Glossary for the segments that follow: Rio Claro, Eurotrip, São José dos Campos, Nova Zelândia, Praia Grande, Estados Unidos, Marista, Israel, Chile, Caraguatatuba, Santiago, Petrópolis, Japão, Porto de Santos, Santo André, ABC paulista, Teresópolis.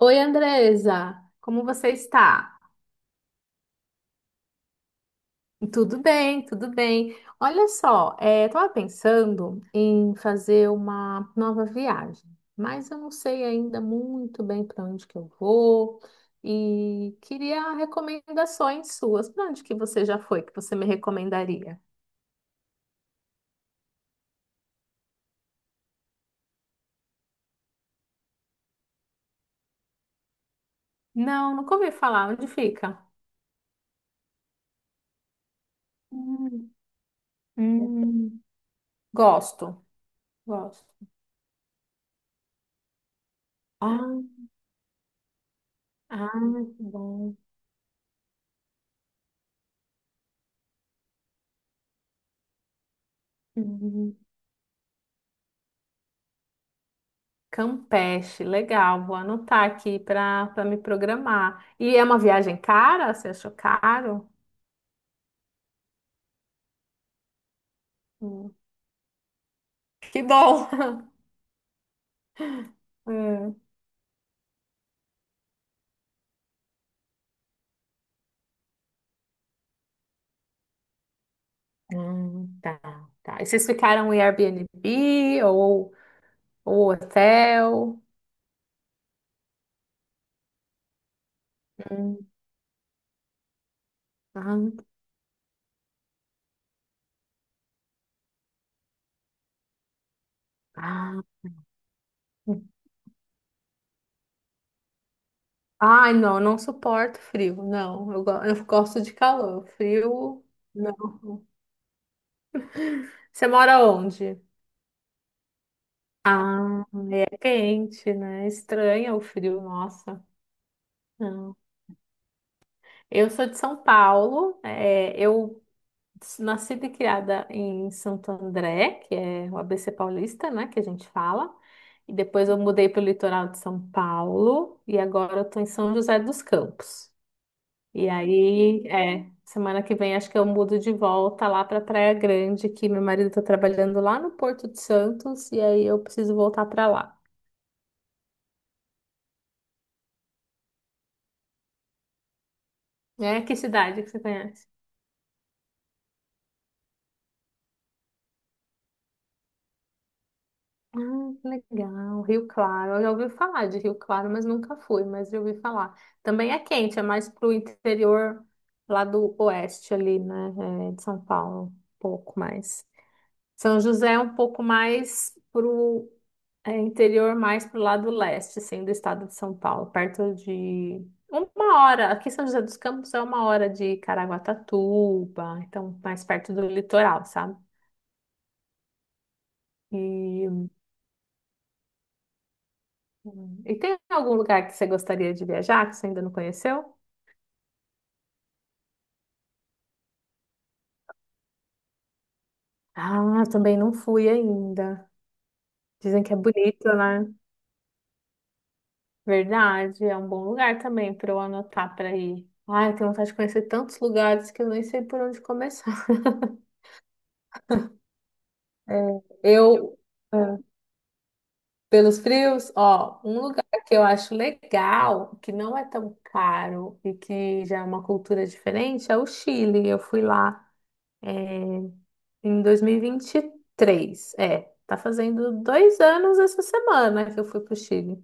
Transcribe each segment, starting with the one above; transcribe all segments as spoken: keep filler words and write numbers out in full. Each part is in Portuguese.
Oi, Andresa, como você está? Tudo bem, tudo bem. Olha só, é, estava pensando em fazer uma nova viagem, mas eu não sei ainda muito bem para onde que eu vou e queria recomendações suas. Para onde que você já foi que você me recomendaria? Não, nunca ouvi falar. Onde fica? Hum, hum. Gosto, gosto. Ah, ah, que bom. Uhum. Campeche, legal, vou anotar aqui para para me programar. E é uma viagem cara? Você achou caro? Hum. Que bom! Hum, hum, tá, tá. E vocês ficaram em Airbnb ou, ou hotel? Hum, ah, ah. Ai, não, não suporto frio, não. Eu, go- eu gosto de calor. Frio, não. Você mora onde? Ah, é quente, né? Estranha o frio, nossa. Eu sou de São Paulo, é, eu nasci e criada em Santo André, que é o A B C paulista, né, que a gente fala. E depois eu mudei para o litoral de São Paulo e agora eu tô em São José dos Campos. E aí, é, semana que vem acho que eu mudo de volta lá para Praia Grande, que meu marido está trabalhando lá no Porto de Santos e aí eu preciso voltar para lá. É, que cidade que você conhece? Ah, que legal. Rio Claro. Eu já ouvi falar de Rio Claro, mas nunca fui, mas já ouvi falar. Também é quente, é mais pro interior lá do oeste ali, né? é, de São Paulo, um pouco mais. São José é um pouco mais pro é, interior, mais pro lado leste, assim, do estado de São Paulo, perto de uma hora. Aqui em São José dos Campos é uma hora de Caraguatatuba, então mais perto do litoral, sabe? e Hum. E tem algum lugar que você gostaria de viajar que você ainda não conheceu? Ah, também não fui ainda. Dizem que é bonito, né? Verdade, é um bom lugar também para eu anotar para ir. Ai, eu tenho vontade de conhecer tantos lugares que eu nem sei por onde começar. É, eu, é, pelos frios, ó, um lugar que eu acho legal, que não é tão caro e que já é uma cultura diferente, é o Chile. Eu fui lá. é, Em dois mil e e vinte e três, é. Tá fazendo dois anos essa semana que eu fui pro Chile.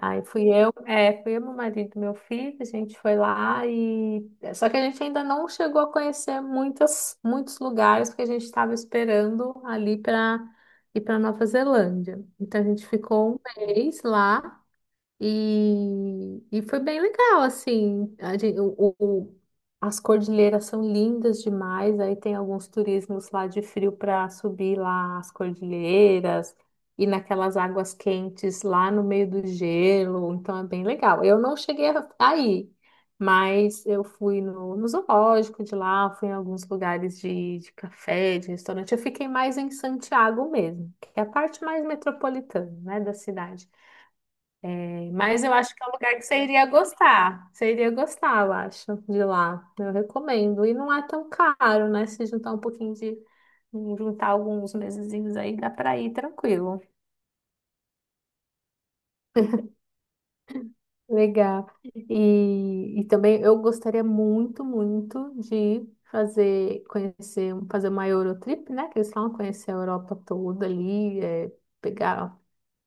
Aí fui eu, é, fui eu, meu marido, meu filho, a gente foi lá e... Só que a gente ainda não chegou a conhecer muitas, muitos lugares porque a gente estava esperando ali para ir para Nova Zelândia. Então a gente ficou um mês lá e, e foi bem legal, assim. A gente, o, o- as cordilheiras são lindas demais. Aí tem alguns turismos lá de frio para subir lá as cordilheiras e naquelas águas quentes lá no meio do gelo. Então é bem legal. Eu não cheguei a- aí, mas eu fui no, no zoológico de lá, fui em alguns lugares de, de café, de restaurante. Eu fiquei mais em Santiago mesmo, que é a parte mais metropolitana, né, da cidade. Mas eu acho que é um lugar que você iria gostar. Você iria gostar, eu acho, de lá. Eu recomendo. E não é tão caro, né? Se juntar um pouquinho de. Juntar alguns mesezinhos aí, dá pra ir tranquilo. Legal. E, e também eu gostaria muito, muito de fazer, conhecer, fazer uma Eurotrip, né? Que eles falam conhecer a Europa toda ali, é, pegar,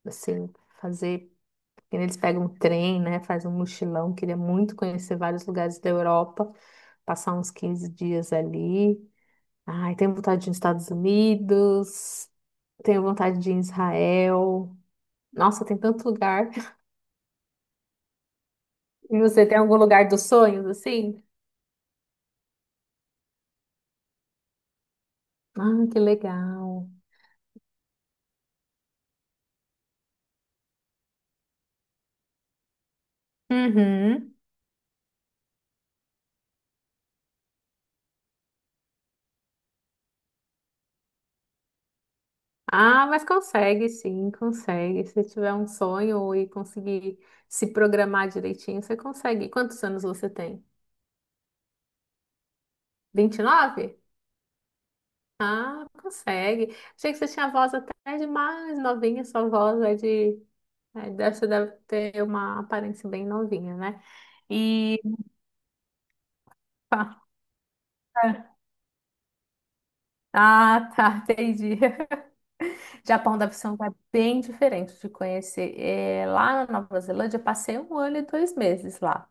assim, fazer. Eles pegam um trem, né? Faz um mochilão. Queria muito conhecer vários lugares da Europa. Passar uns quinze dias ali. Ai, tenho vontade de ir nos Estados Unidos. Tenho vontade de ir em Israel. Nossa, tem tanto lugar. E você tem algum lugar dos sonhos assim? Ah, que legal. Uhum. Ah, mas consegue sim, consegue. Se tiver um sonho e conseguir se programar direitinho, você consegue. Quantos anos você tem? Vinte e nove? Ah, consegue. Achei que você tinha voz até de mais novinha, sua voz é de. É, dessa deve ter uma aparência bem novinha, né? E. Pá, é. Ah, tá, entendi. Japão deve ser um lugar bem diferente de conhecer. É, lá na Nova Zelândia, eu passei um ano e dois meses lá.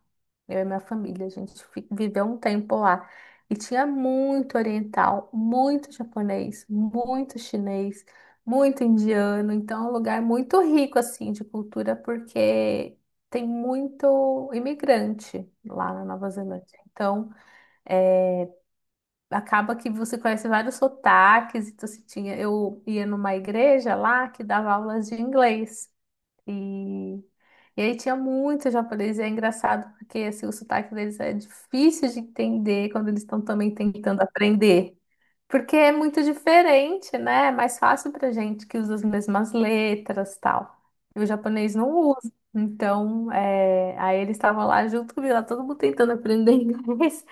Eu e minha família, a gente fi- viveu um tempo lá. E tinha muito oriental, muito japonês, muito chinês, muito indiano. Então, é um lugar muito rico, assim, de cultura, porque tem muito imigrante lá na Nova Zelândia. Então, acaba que você conhece vários sotaques. Então, assim, tinha, eu ia numa igreja lá que dava aulas de inglês. E, e aí tinha muito japonês. E é engraçado porque assim, o sotaque deles é difícil de entender quando eles estão também tentando aprender. Porque é muito diferente, né? É mais fácil pra gente que usa as mesmas letras tal. E o japonês não usa. Então, é, aí eles estavam lá junto comigo, lá todo mundo tentando aprender inglês.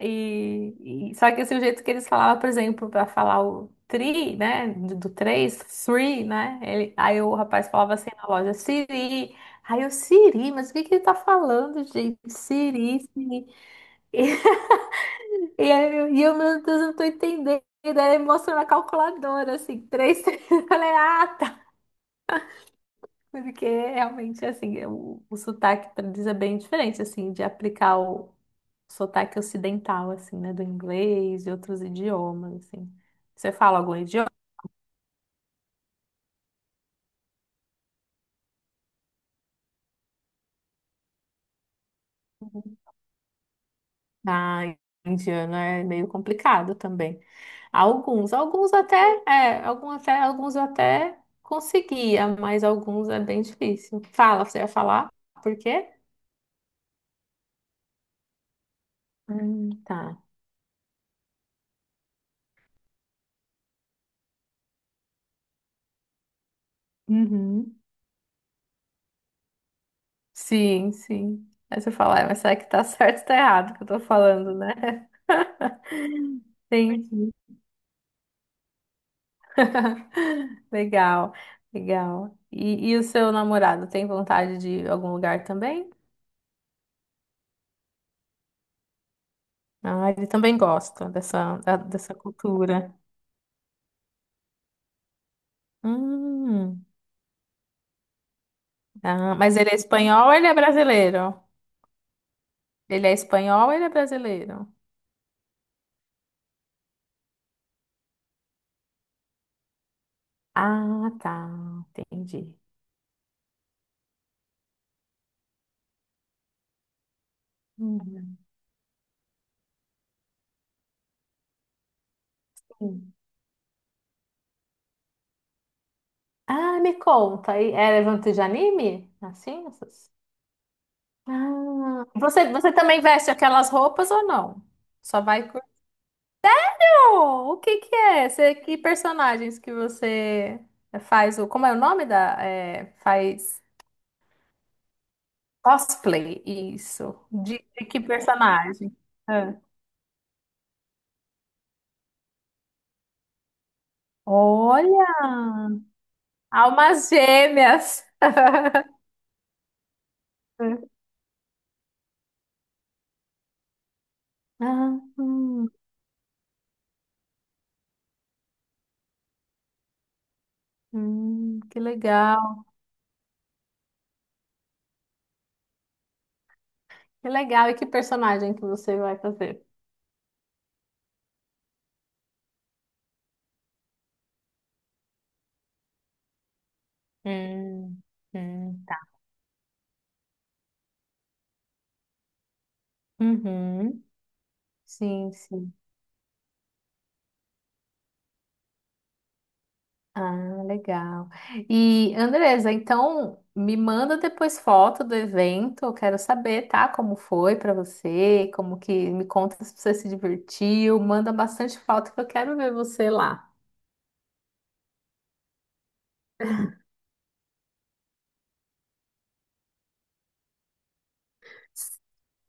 E, e- só que assim, o jeito que eles falavam, por exemplo, para falar o tri, né, do, do três, three, né, ele, aí o rapaz falava assim na loja, Siri, aí eu, Siri, mas o que que ele tá falando, gente? Siri, Siri. E, aí eu, e eu, meu Deus, eu não tô entendendo. E daí ele mostrou na calculadora, assim, três, três, eu falei, ah, tá. Porque realmente, assim, o, o sotaque diz é bem diferente, assim, de aplicar o sotaque ocidental, assim, né? Do inglês e outros idiomas, assim. Você fala algum idioma? Ah, indiano é meio complicado também. Alguns, alguns até, é, algum até, alguns eu até conseguia, mas alguns é bem difícil. Fala, você ia falar? Por quê? Hum, tá. Uhum. Sim, sim. Aí você fala, "É, mas será que tá certo ou tá errado o que eu tô falando, né? Entendi. Legal, legal. E, e o seu namorado tem vontade de ir a algum lugar também? Ah, ele também gosta dessa, da- dessa cultura. Hum, ah, mas ele é espanhol ou ele é brasileiro? Ele é espanhol ou ele é brasileiro? Ah, tá, entendi. Uhum. Ah, me conta, e é evento de anime? Assim, essas? Ah, você, você também veste aquelas roupas ou não? Só vai. Oh, o que que é? Você, que personagens que você faz? O, como é o nome da? é, faz cosplay, isso. De, de que personagem? Ah. Olha! Almas gêmeas! Ah, hum, hum, que legal, que legal. E que personagem que você vai fazer? Hum, hum, tá. Uhum, sim, sim. Ah, legal. E Andresa, então me manda depois foto do evento, eu quero saber, tá? Como foi pra você, como que me conta se você se divertiu, manda bastante foto que eu quero ver você lá.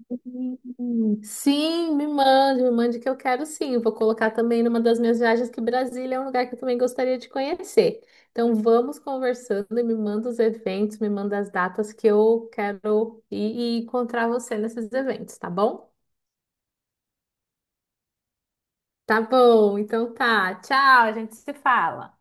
Sim, sim, me mande, me mande que eu quero sim. Eu vou colocar também numa das minhas viagens que Brasília é um lugar que eu também gostaria de conhecer. Então vamos conversando e me manda os eventos, me manda as datas que eu quero ir e encontrar você nesses eventos, tá bom? Tá bom, então tá. Tchau, a gente se fala.